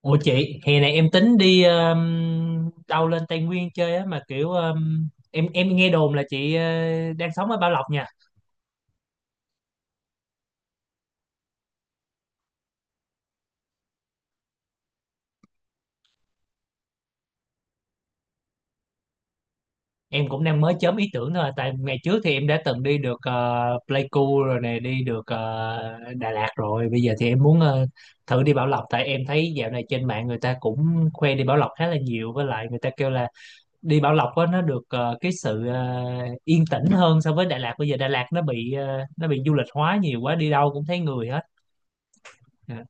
Ủa chị, hè này em tính đi đâu lên Tây Nguyên chơi á, mà kiểu em nghe đồn là chị đang sống ở Bảo Lộc nha. Em cũng đang mới chớm ý tưởng thôi à, tại ngày trước thì em đã từng đi được Pleiku rồi nè, đi được Đà Lạt rồi. Bây giờ thì em muốn thử đi Bảo Lộc, tại em thấy dạo này trên mạng người ta cũng khoe đi Bảo Lộc khá là nhiều, với lại người ta kêu là đi Bảo Lộc á nó được cái sự yên tĩnh hơn so với Đà Lạt. Bây giờ Đà Lạt nó bị du lịch hóa nhiều quá, đi đâu cũng thấy người hết. Dạ.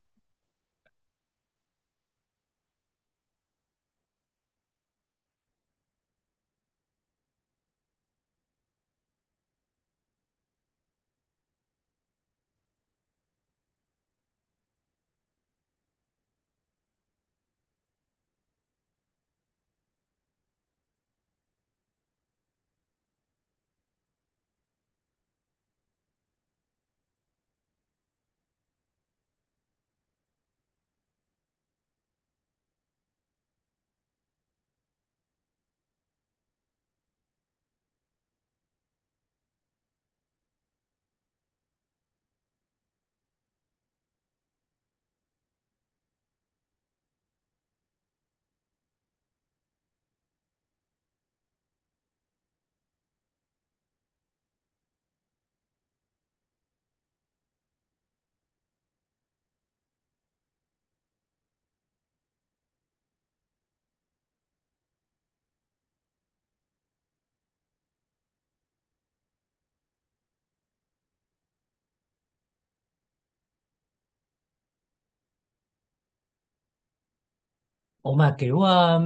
Ủa, mà kiểu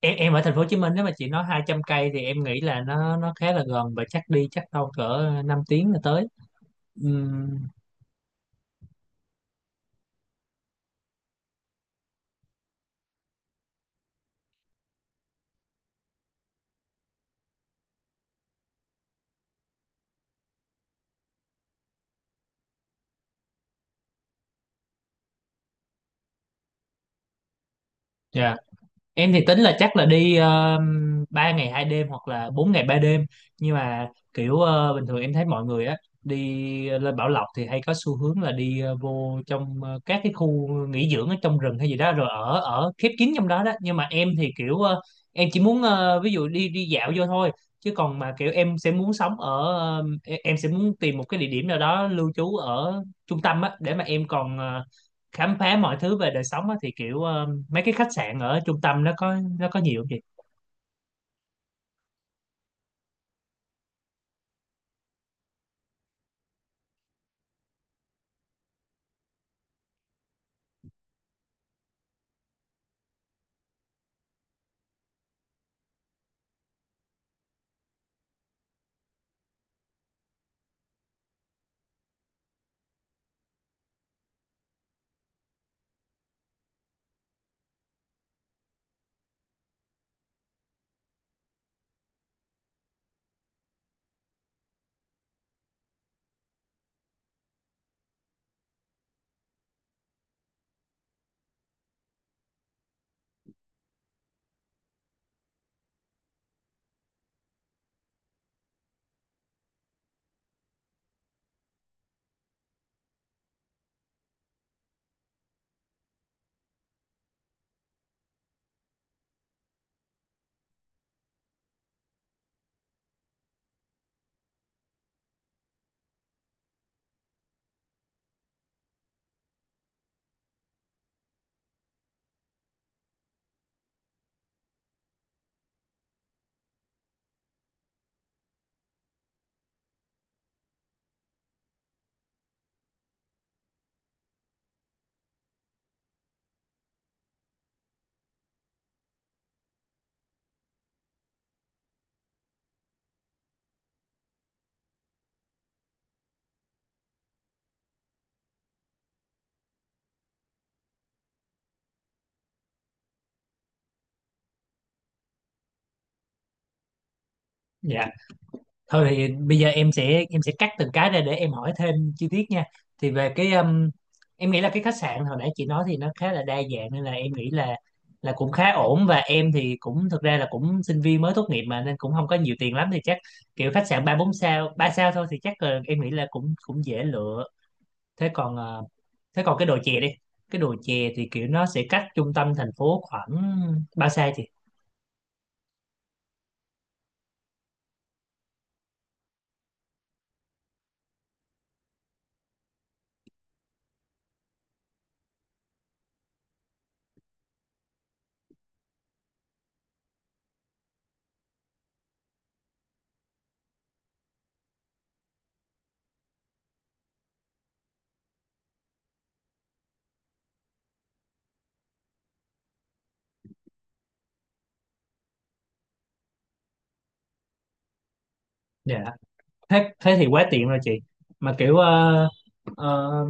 em ở thành phố Hồ Chí Minh, nếu mà chị nói 200 cây thì em nghĩ là nó khá là gần, và chắc đâu cỡ 5 tiếng là tới. Um, Em thì tính là chắc là đi 3 ngày 2 đêm hoặc là 4 ngày 3 đêm, nhưng mà kiểu bình thường em thấy mọi người á đi lên Bảo Lộc thì hay có xu hướng là đi vô trong các cái khu nghỉ dưỡng ở trong rừng hay gì đó, rồi ở ở khép kín trong đó đó. Nhưng mà em thì kiểu em chỉ muốn ví dụ đi đi dạo vô thôi, chứ còn mà kiểu em sẽ muốn sống ở em sẽ muốn tìm một cái địa điểm nào đó lưu trú ở trung tâm á, để mà em còn khám phá mọi thứ về đời sống á, thì kiểu mấy cái khách sạn ở trung tâm nó có nhiều không chị? Dạ. Thôi thì bây giờ em sẽ cắt từng cái ra để em hỏi thêm chi tiết nha. Thì về cái em nghĩ là cái khách sạn hồi nãy chị nói thì nó khá là đa dạng, nên là em nghĩ là cũng khá ổn, và em thì cũng, thực ra là cũng sinh viên mới tốt nghiệp mà, nên cũng không có nhiều tiền lắm, thì chắc kiểu khách sạn ba bốn sao, ba sao thôi, thì chắc là em nghĩ là cũng cũng dễ lựa. Thế còn ờ, thế còn cái đồ chè đi? Cái đồ chè thì kiểu nó sẽ cách trung tâm thành phố khoảng ba sao chị? Dạ. thế thế thì quá tiện rồi chị, mà kiểu ờ,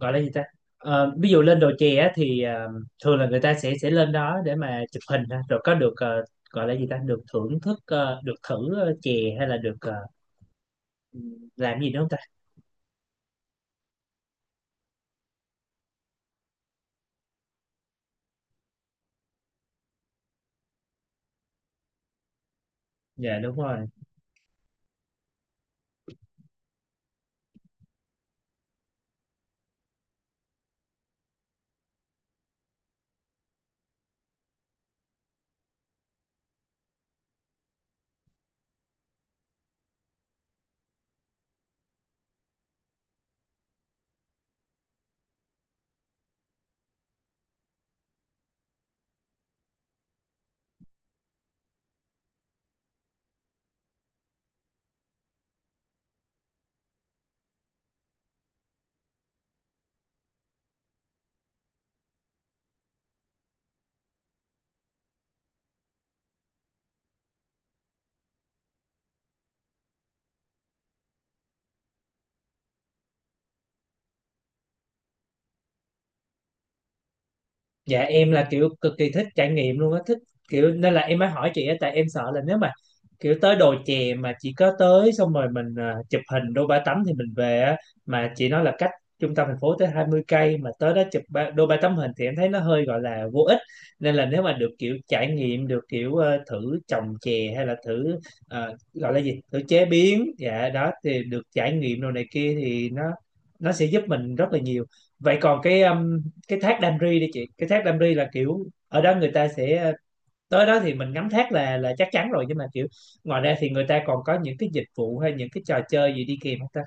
gọi là gì ta? Ờ, ví dụ lên đồ chè á, thì thường là người ta sẽ lên đó để mà chụp hình ha, rồi có được gọi là gì ta, được thưởng thức được thử chè, hay là được làm gì nữa không ta? Dạ đúng rồi. Dạ em là kiểu cực kỳ thích trải nghiệm luôn á, thích kiểu, nên là em mới hỏi chị á, tại em sợ là nếu mà kiểu tới đồi chè mà chỉ có tới xong rồi mình chụp hình đô ba tấm thì mình về á, mà chị nói là cách trung tâm thành phố tới 20 cây mà tới đó chụp ba, đô ba tấm hình thì em thấy nó hơi gọi là vô ích. Nên là nếu mà được kiểu trải nghiệm, được kiểu thử trồng chè hay là thử gọi là gì, thử chế biến, dạ đó, thì được trải nghiệm đồ này kia thì nó sẽ giúp mình rất là nhiều. Vậy còn cái thác Đam Ri đi chị, cái thác Đam Ri là kiểu ở đó người ta sẽ tới đó thì mình ngắm thác là chắc chắn rồi, nhưng mà kiểu ngoài ra thì người ta còn có những cái dịch vụ hay những cái trò chơi gì đi kèm không ta?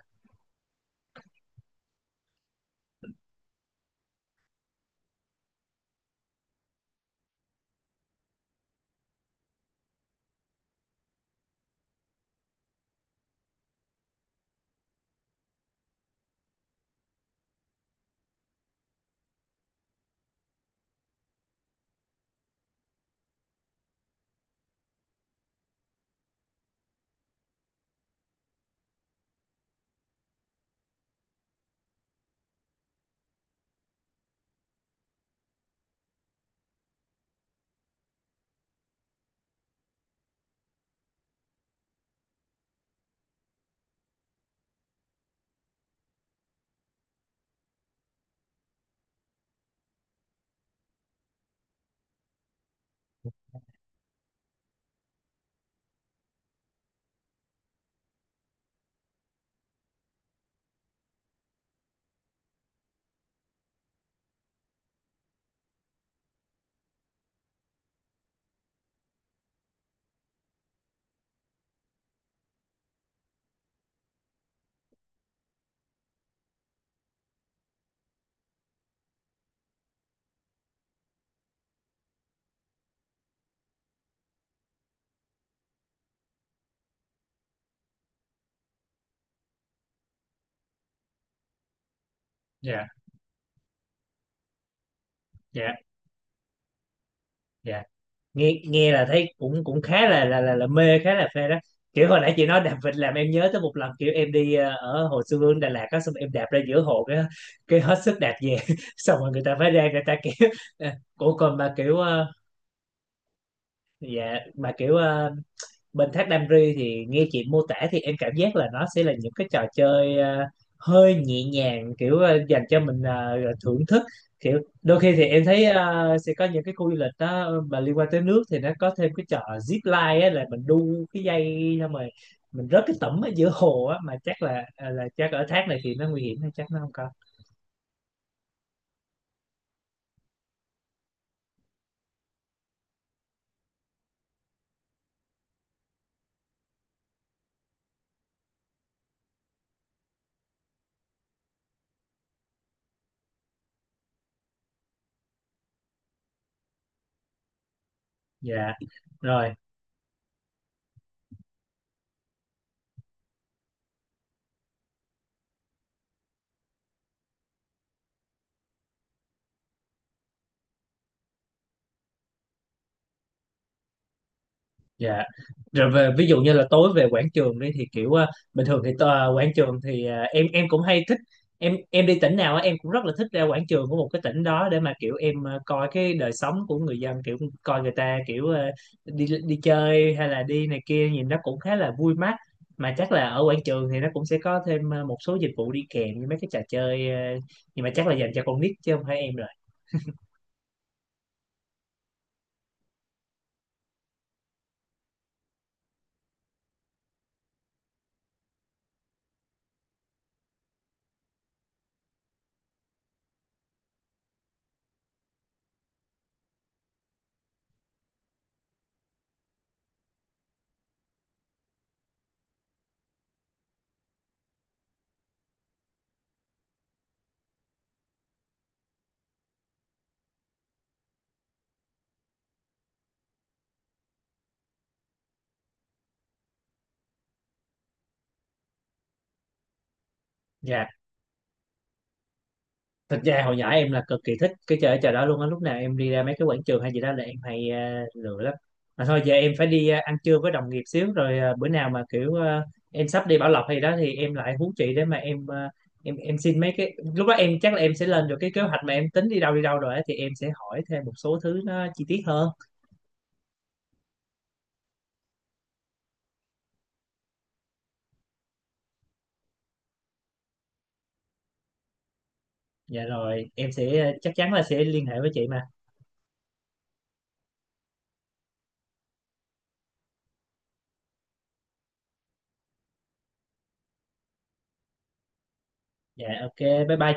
Dạ, dạ, dạ. Nghe nghe là thấy cũng cũng khá là, mê, khá là phê đó. Kiểu hồi nãy chị nói đạp vịt làm em nhớ tới một lần, kiểu em đi ở Hồ Xuân Hương Đà Lạt á, xong em đạp ra giữa hồ, cái hết sức đạp về xong rồi người ta phải ra, người ta kiểu "Ờ, ủa còn mà kiểu dạ, mà kiểu bên Thác Đam Ri thì nghe chị mô tả thì em cảm giác là nó sẽ là những cái trò chơi hơi nhẹ nhàng, kiểu dành cho mình thưởng thức. Kiểu đôi khi thì em thấy sẽ có những cái khu du lịch đó mà liên quan tới nước thì nó có thêm cái trò zip line á, là mình đu cái dây xong rồi mình rớt cái tẩm ở giữa hồ á, mà chắc là là chắc ở thác này thì nó nguy hiểm, hay chắc nó không có? Dạ rồi. Dạ. Rồi về ví dụ như là tối về quảng trường đi, thì kiểu bình thường thì quảng trường thì em cũng hay thích, em đi tỉnh nào á, em cũng rất là thích ra quảng trường của một cái tỉnh đó để mà kiểu em coi cái đời sống của người dân, kiểu coi người ta kiểu đi đi chơi hay là đi này kia, nhìn nó cũng khá là vui mắt. Mà chắc là ở quảng trường thì nó cũng sẽ có thêm một số dịch vụ đi kèm như mấy cái trò chơi nhưng mà chắc là dành cho con nít chứ không phải em rồi. Dạ, thật ra hồi nhỏ em là cực kỳ thích cái chơi ở chợ đó luôn á, lúc nào em đi ra mấy cái quảng trường hay gì đó là em hay lựa lắm. Mà thôi, giờ em phải đi ăn trưa với đồng nghiệp xíu rồi, bữa nào mà kiểu em sắp đi Bảo Lộc hay đó thì em lại hú chị, để mà em em xin mấy cái, lúc đó em chắc là em sẽ lên được cái kế hoạch mà em tính đi đâu rồi á, thì em sẽ hỏi thêm một số thứ nó chi tiết hơn. Dạ rồi, em sẽ chắc chắn là sẽ liên hệ với chị mà. Dạ, ok, bye bye.